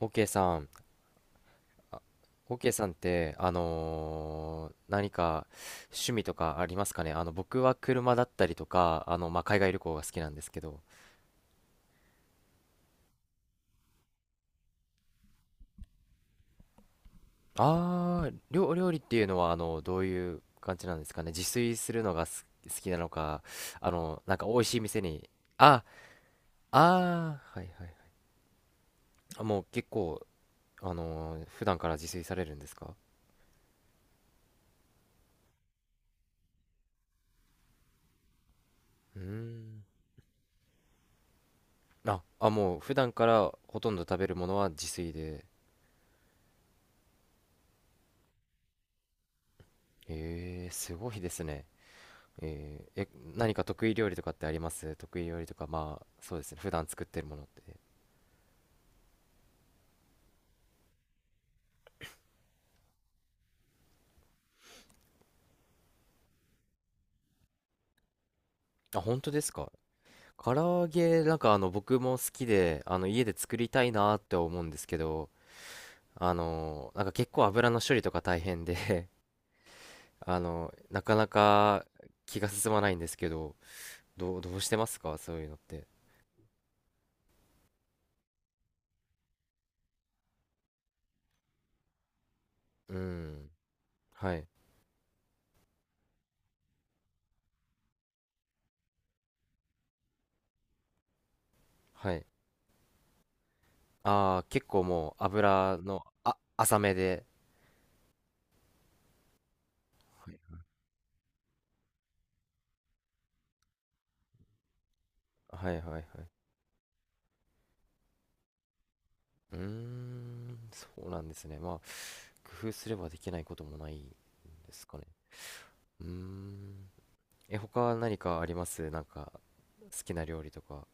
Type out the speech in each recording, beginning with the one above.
オーケさん、あオーケさんって、何か趣味とかありますかね。僕は車だったりとか、海外旅行が好きなんですけど。料理っていうのは、どういう感じなんですかね。自炊するのが好きなのか、なんか美味しい店に。あ、はいはいはい。もう結構、普段から自炊されるんですか？うーん。もう普段からほとんど食べるものは自炊で。すごいですね。えー、え、何か得意料理とかってあります？得意料理とか、そうですね。普段作ってるものって。本当ですか？唐揚げ、なんか僕も好きで、家で作りたいなって思うんですけど、なんか結構油の処理とか大変で、 なかなか気が進まないんですけど、どうしてますかそういうのって？うん。はい。はい。ああ、結構もう油の、浅めで。はいはいはいはい。うーん、そうなんですね。工夫すればできないこともないんですかね。うーん。他何かあります？なんか、好きな料理とか。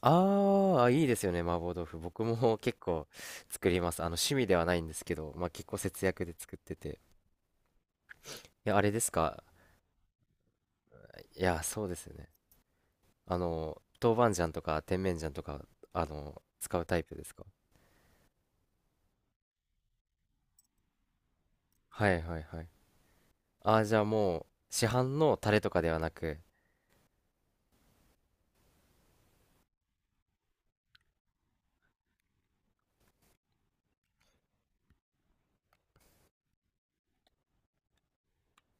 ああ、いいですよね、麻婆豆腐。僕も 結構作ります。趣味ではないんですけど、結構節約で作ってて。いや、あれですか？いや、そうですよね。豆板醤とか甜麺醤とか、使うタイプですか？はいはいはい。ああ、じゃあもう、市販のタレとかではなく。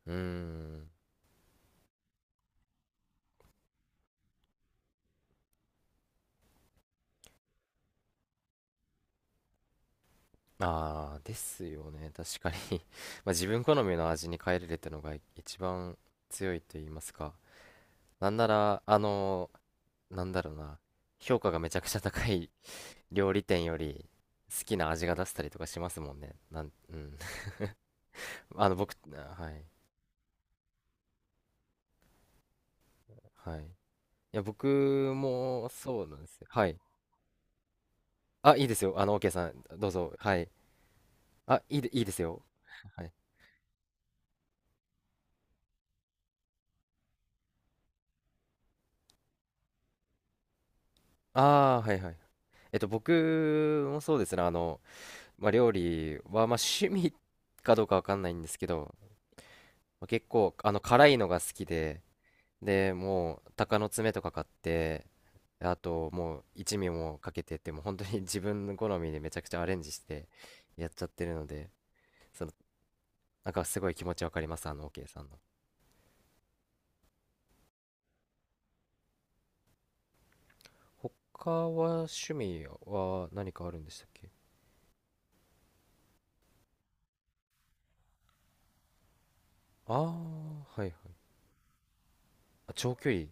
うーん。ああ、ですよね。確かに。 自分好みの味に変えれるってのが一番強いと言いますか。なんなら、あのーなんだろうな。評価がめちゃくちゃ高い 料理店より好きな味が出せたりとかしますもんね。うん。僕、はい。はい。いや、僕もそうなんですよ。はい。いいですよ。OK さん、どうぞ。はい。いいですよ。はい。ああ、はいはい。僕もそうですね。料理は、趣味かどうかわかんないんですけど、結構、辛いのが好きで、で、もう、鷹の爪とか買って、あと、もう、一味もかけてって、もう本当に 自分の好みでめちゃくちゃアレンジしてやっちゃってるので、その、なんかすごい気持ちわかります、OK さんの。他は趣味は何かあるんでしたっけ？ああはいはい。長距離。う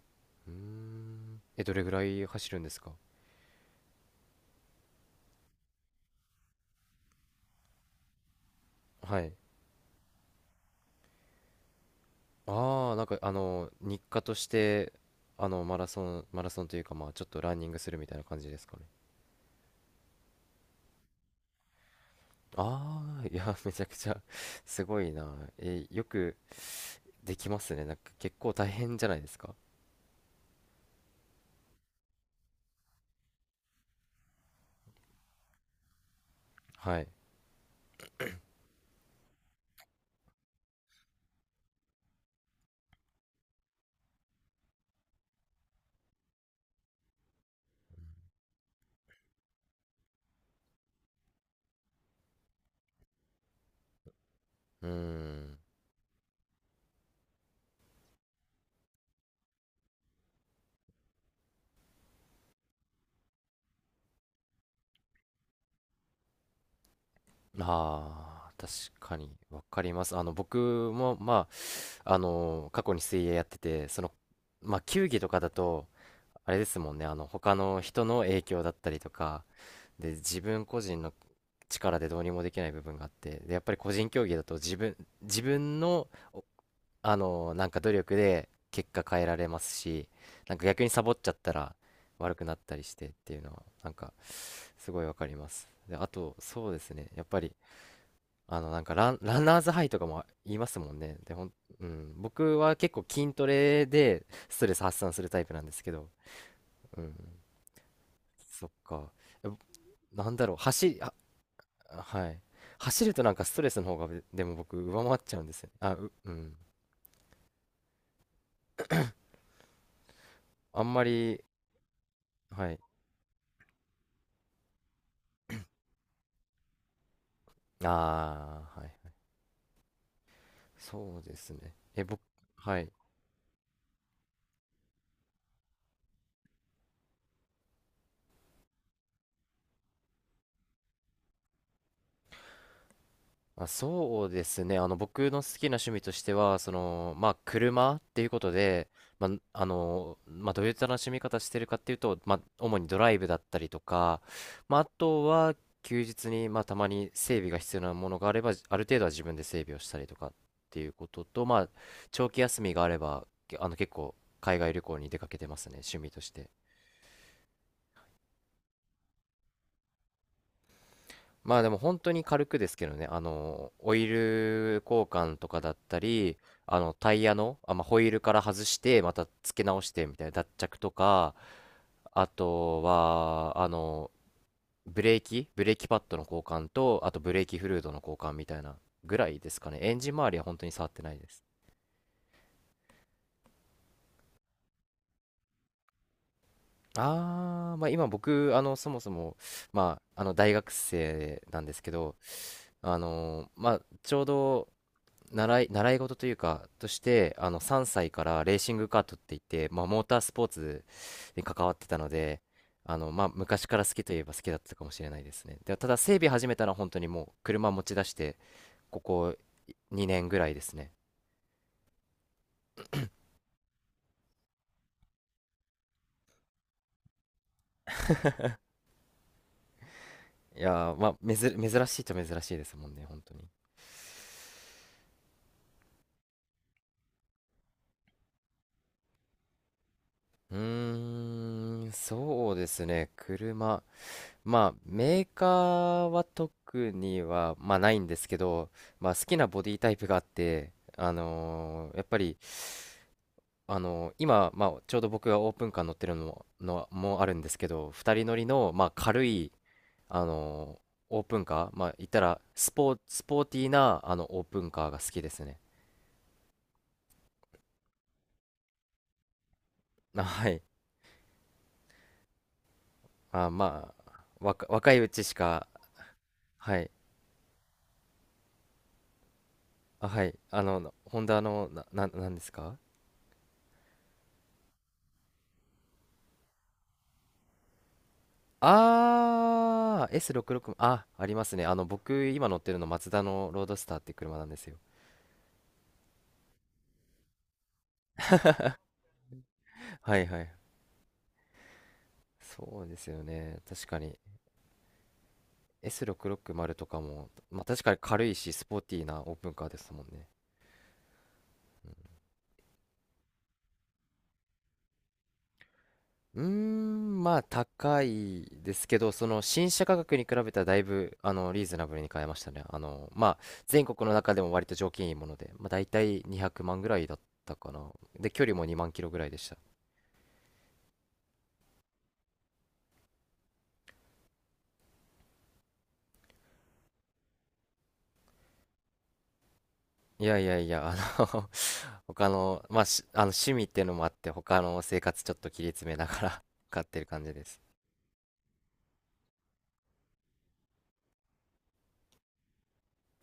ーん。どれぐらい走るんですか？はい。ああ、なんか日課として、マラソンというか、ちょっとランニングするみたいな感じですかね。ああ、いや、めちゃくちゃ すごいな。よくできますね。なんか結構大変じゃないですか？はい。うーん。ああ、確かに、わかります。僕も、過去に水泳やってて、その、球技とかだと、あれですもんね、他の人の影響だったりとか、で、自分個人の力でどうにもできない部分があって、でやっぱり個人競技だと自分のなんか努力で結果変えられますし、なんか逆にサボっちゃったら悪くなったりしてっていうのはなんかすごいわかります。で、あとそうですね、やっぱりなんかランナーズハイとかも言いますもんね。でうん、僕は結構筋トレでストレス発散するタイプなんですけど、うん、そっか。えなんだろうはい。走るとなんかストレスの方がでも僕上回っちゃうんですよね。うん。あんまり、はい。ああ、はい。そうですね。僕、はい。そうですね。僕の好きな趣味としては、その、車っていうことで、まあ、どういった楽しみ方してるかっていうと、主にドライブだったりとか、あとは、休日に、たまに整備が必要なものがあれば、ある程度は自分で整備をしたりとかっていうことと、長期休みがあれば、結構、海外旅行に出かけてますね、趣味として。でも本当に軽くですけどね、オイル交換とかだったり、タイヤの、ホイールから外して、また付け直してみたいな脱着とか、あとは、ブレーキパッドの交換と、あとブレーキフルードの交換みたいなぐらいですかね。エンジン周りは本当に触ってないです。今僕、そもそも、大学生なんですけど、ちょうど、習い事というか、として、3歳からレーシングカートって言って、モータースポーツに関わってたので、昔から好きといえば好きだったかもしれないですね。で、ただ、整備始めたのは本当にもう、車持ち出して、ここ2年ぐらいですね。いやー、まあ、めず、珍しいと珍しいですもんね、本当に。うーん、そうですね、車。メーカーは特には、ないんですけど、好きなボディタイプがあって、あのーやっぱり、あのー今、ちょうど僕がオープンカー乗ってるのも、のもあるんですけど、2人乗りの、軽い、あのーオープンカー、言ったらスポーティーな、オープンカーが好きですね。はい。あ、まあ、若いうちしか、はい。はい。ホンダの、なんですか？S66、ありますね。僕、今乗ってるの、マツダのロードスターって車なんですよ。はいはい。そうですよね。確かに。S660 とかも、確かに軽いし、スポーティーなオープンカーですもんね。うーん、高いですけど、その新車価格に比べたらだいぶ、リーズナブルに買えましたね。全国の中でも割と条件いいもので、大体200万ぐらいだったかな。で、距離も2万キロぐらいでした。いやいやいや、の 他の、あの趣味っていうのもあって、他の生活ちょっと切り詰めながら 買ってる感じです。